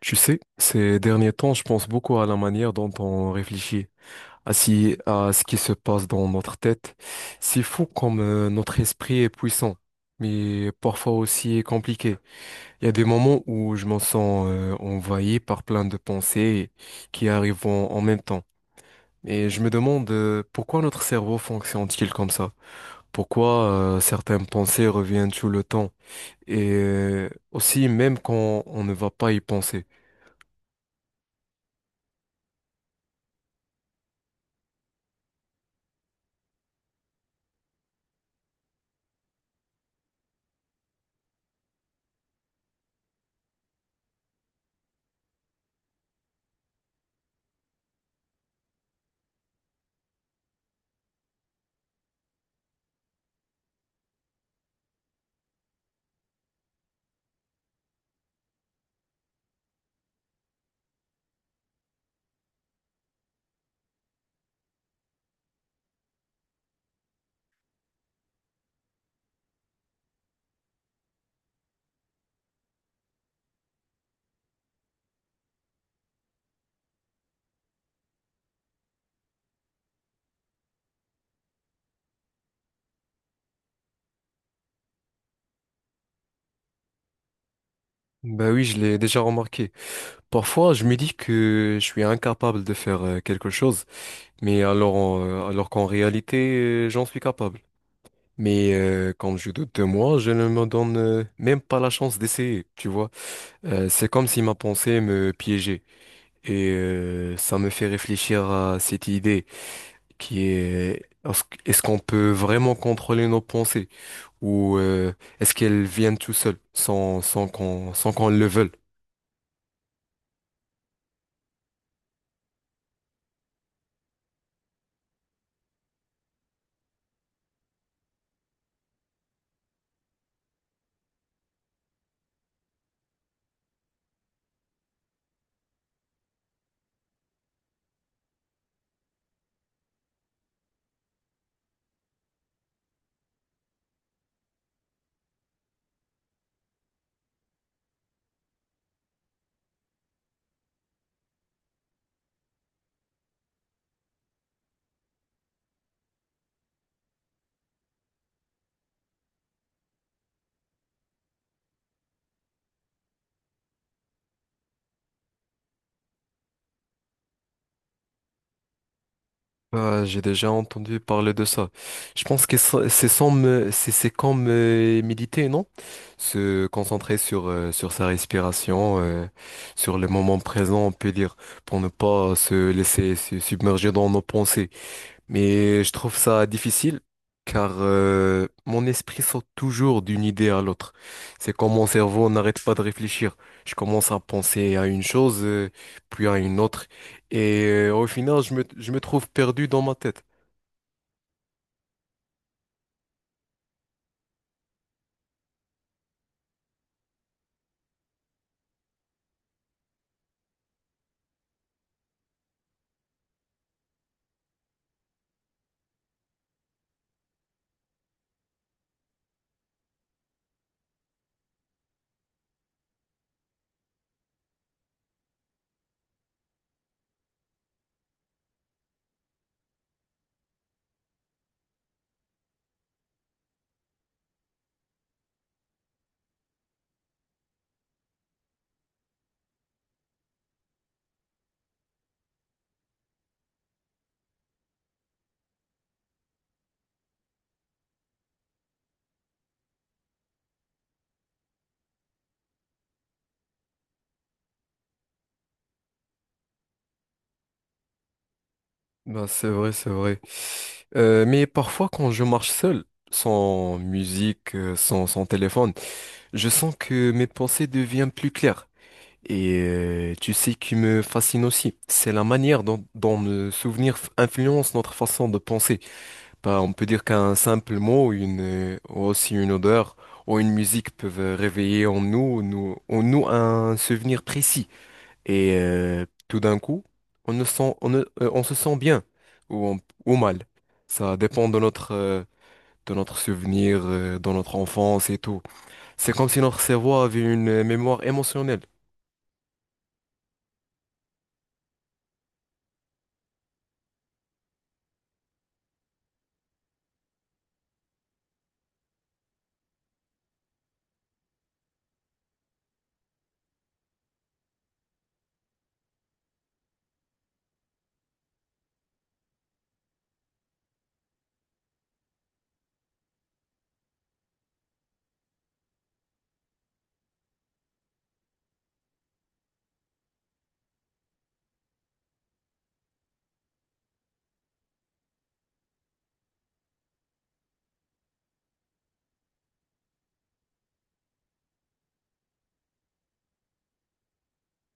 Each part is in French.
Tu sais, ces derniers temps, je pense beaucoup à la manière dont on réfléchit, à, à ce qui se passe dans notre tête. C'est fou comme notre esprit est puissant, mais parfois aussi compliqué. Il y a des moments où je me sens envahi par plein de pensées qui arrivent en même temps. Et je me demande pourquoi notre cerveau fonctionne-t-il comme ça? Pourquoi certaines pensées reviennent tout le temps? Et aussi même quand on ne va pas y penser. Ben oui, je l'ai déjà remarqué. Parfois, je me dis que je suis incapable de faire quelque chose, mais alors, alors qu'en réalité, j'en suis capable. Mais quand je doute de moi, je ne me donne même pas la chance d'essayer, tu vois. C'est comme si ma pensée me piégeait. Et ça me fait réfléchir à cette idée qui est, est-ce qu'on peut vraiment contrôler nos pensées? Ou est-ce qu'elles viennent tout seules, sans qu'on le veuille? Ah, j'ai déjà entendu parler de ça. Je pense que c'est sans me- c'est comme méditer, non? Se concentrer sur sur sa respiration, sur le moment présent, on peut dire, pour ne pas se laisser se submerger dans nos pensées. Mais je trouve ça difficile car mon esprit saute toujours d'une idée à l'autre. C'est comme mon cerveau n'arrête pas de réfléchir. Je commence à penser à une chose, puis à une autre. Et au final, je me trouve perdu dans ma tête. Ben, c'est vrai, c'est vrai. Mais parfois, quand je marche seul, sans musique, sans téléphone, je sens que mes pensées deviennent plus claires. Et tu sais qui me fascine aussi, c'est la manière dont le influence notre façon de penser. Bah, on peut dire qu'un simple mot, une, ou aussi une odeur ou une musique peuvent réveiller en nous un souvenir précis. Et tout d'un coup, on, ne- on se sent bien ou, on- ou mal. Ça dépend de notre souvenir, de notre enfance et tout. C'est comme si notre cerveau avait une mémoire émotionnelle.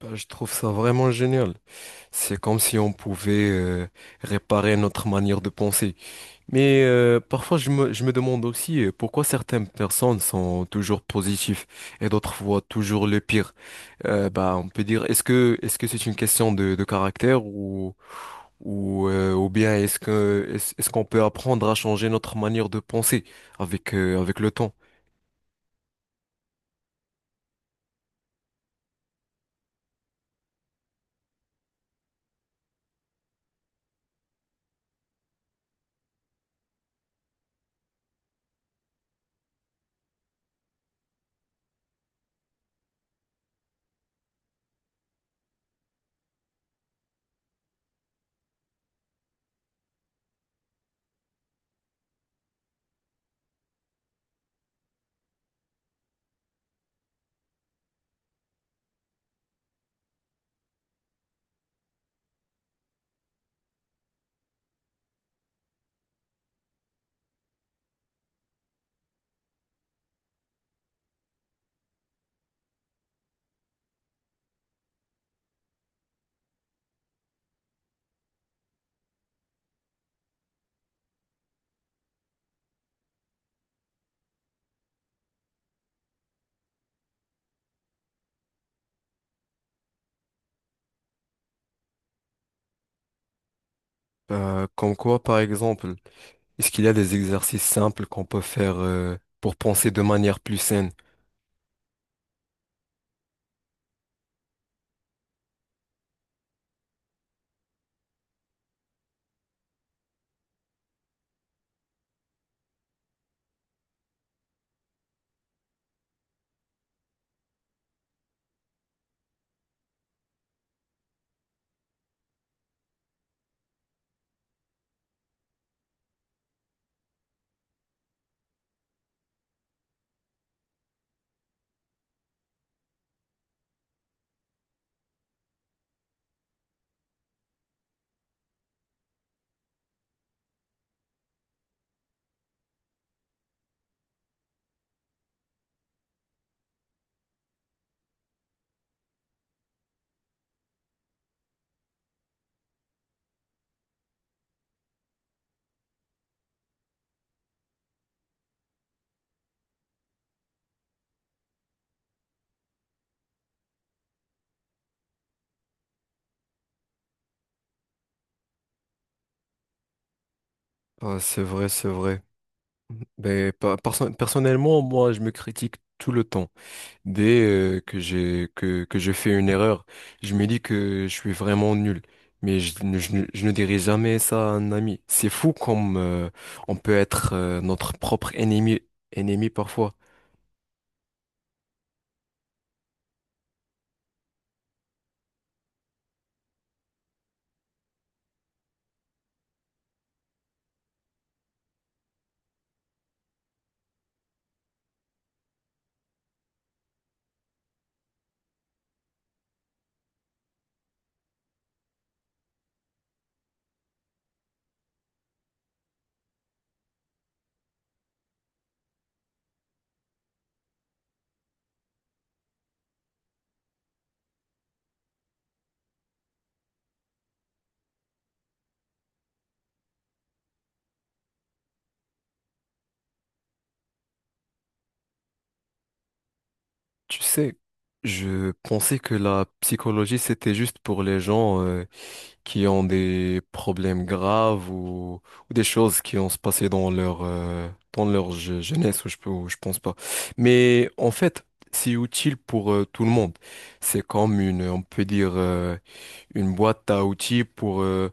Bah, je trouve ça vraiment génial. C'est comme si on pouvait réparer notre manière de penser. Mais parfois, je me demande aussi pourquoi certaines personnes sont toujours positives et d'autres voient toujours le pire. Bah, on peut dire, est-ce que c'est une question de caractère ou bien est-ce qu'on peut apprendre à changer notre manière de penser avec avec le temps? Comme quoi, par exemple. Est-ce qu'il y a des exercices simples qu'on peut faire pour penser de manière plus saine? Ah, c'est vrai, c'est vrai. Mais personnellement, moi, je me critique tout le temps. Dès que je fais une erreur, je me dis que je suis vraiment nul. Mais je ne dirai jamais ça à un ami. C'est fou comme on peut être notre propre ennemi, ennemi parfois. Tu sais, je pensais que la psychologie, c'était juste pour les gens. Qui ont des problèmes graves ou des choses qui ont se passé dans leur jeunesse, ou ou je pense pas. Mais en fait, c'est utile pour tout le monde. C'est comme une, on peut dire, une boîte à outils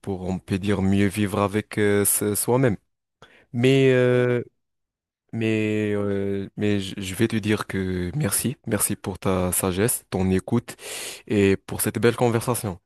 pour, on peut dire, mieux vivre avec soi-même. Mais, euh, mais je vais te dire que merci, merci pour ta sagesse, ton écoute et pour cette belle conversation.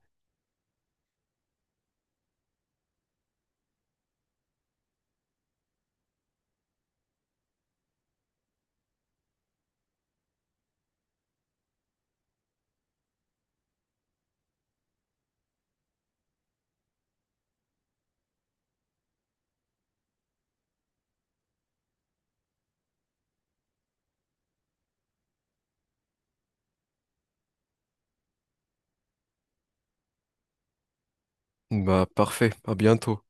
Bah, parfait, à bientôt.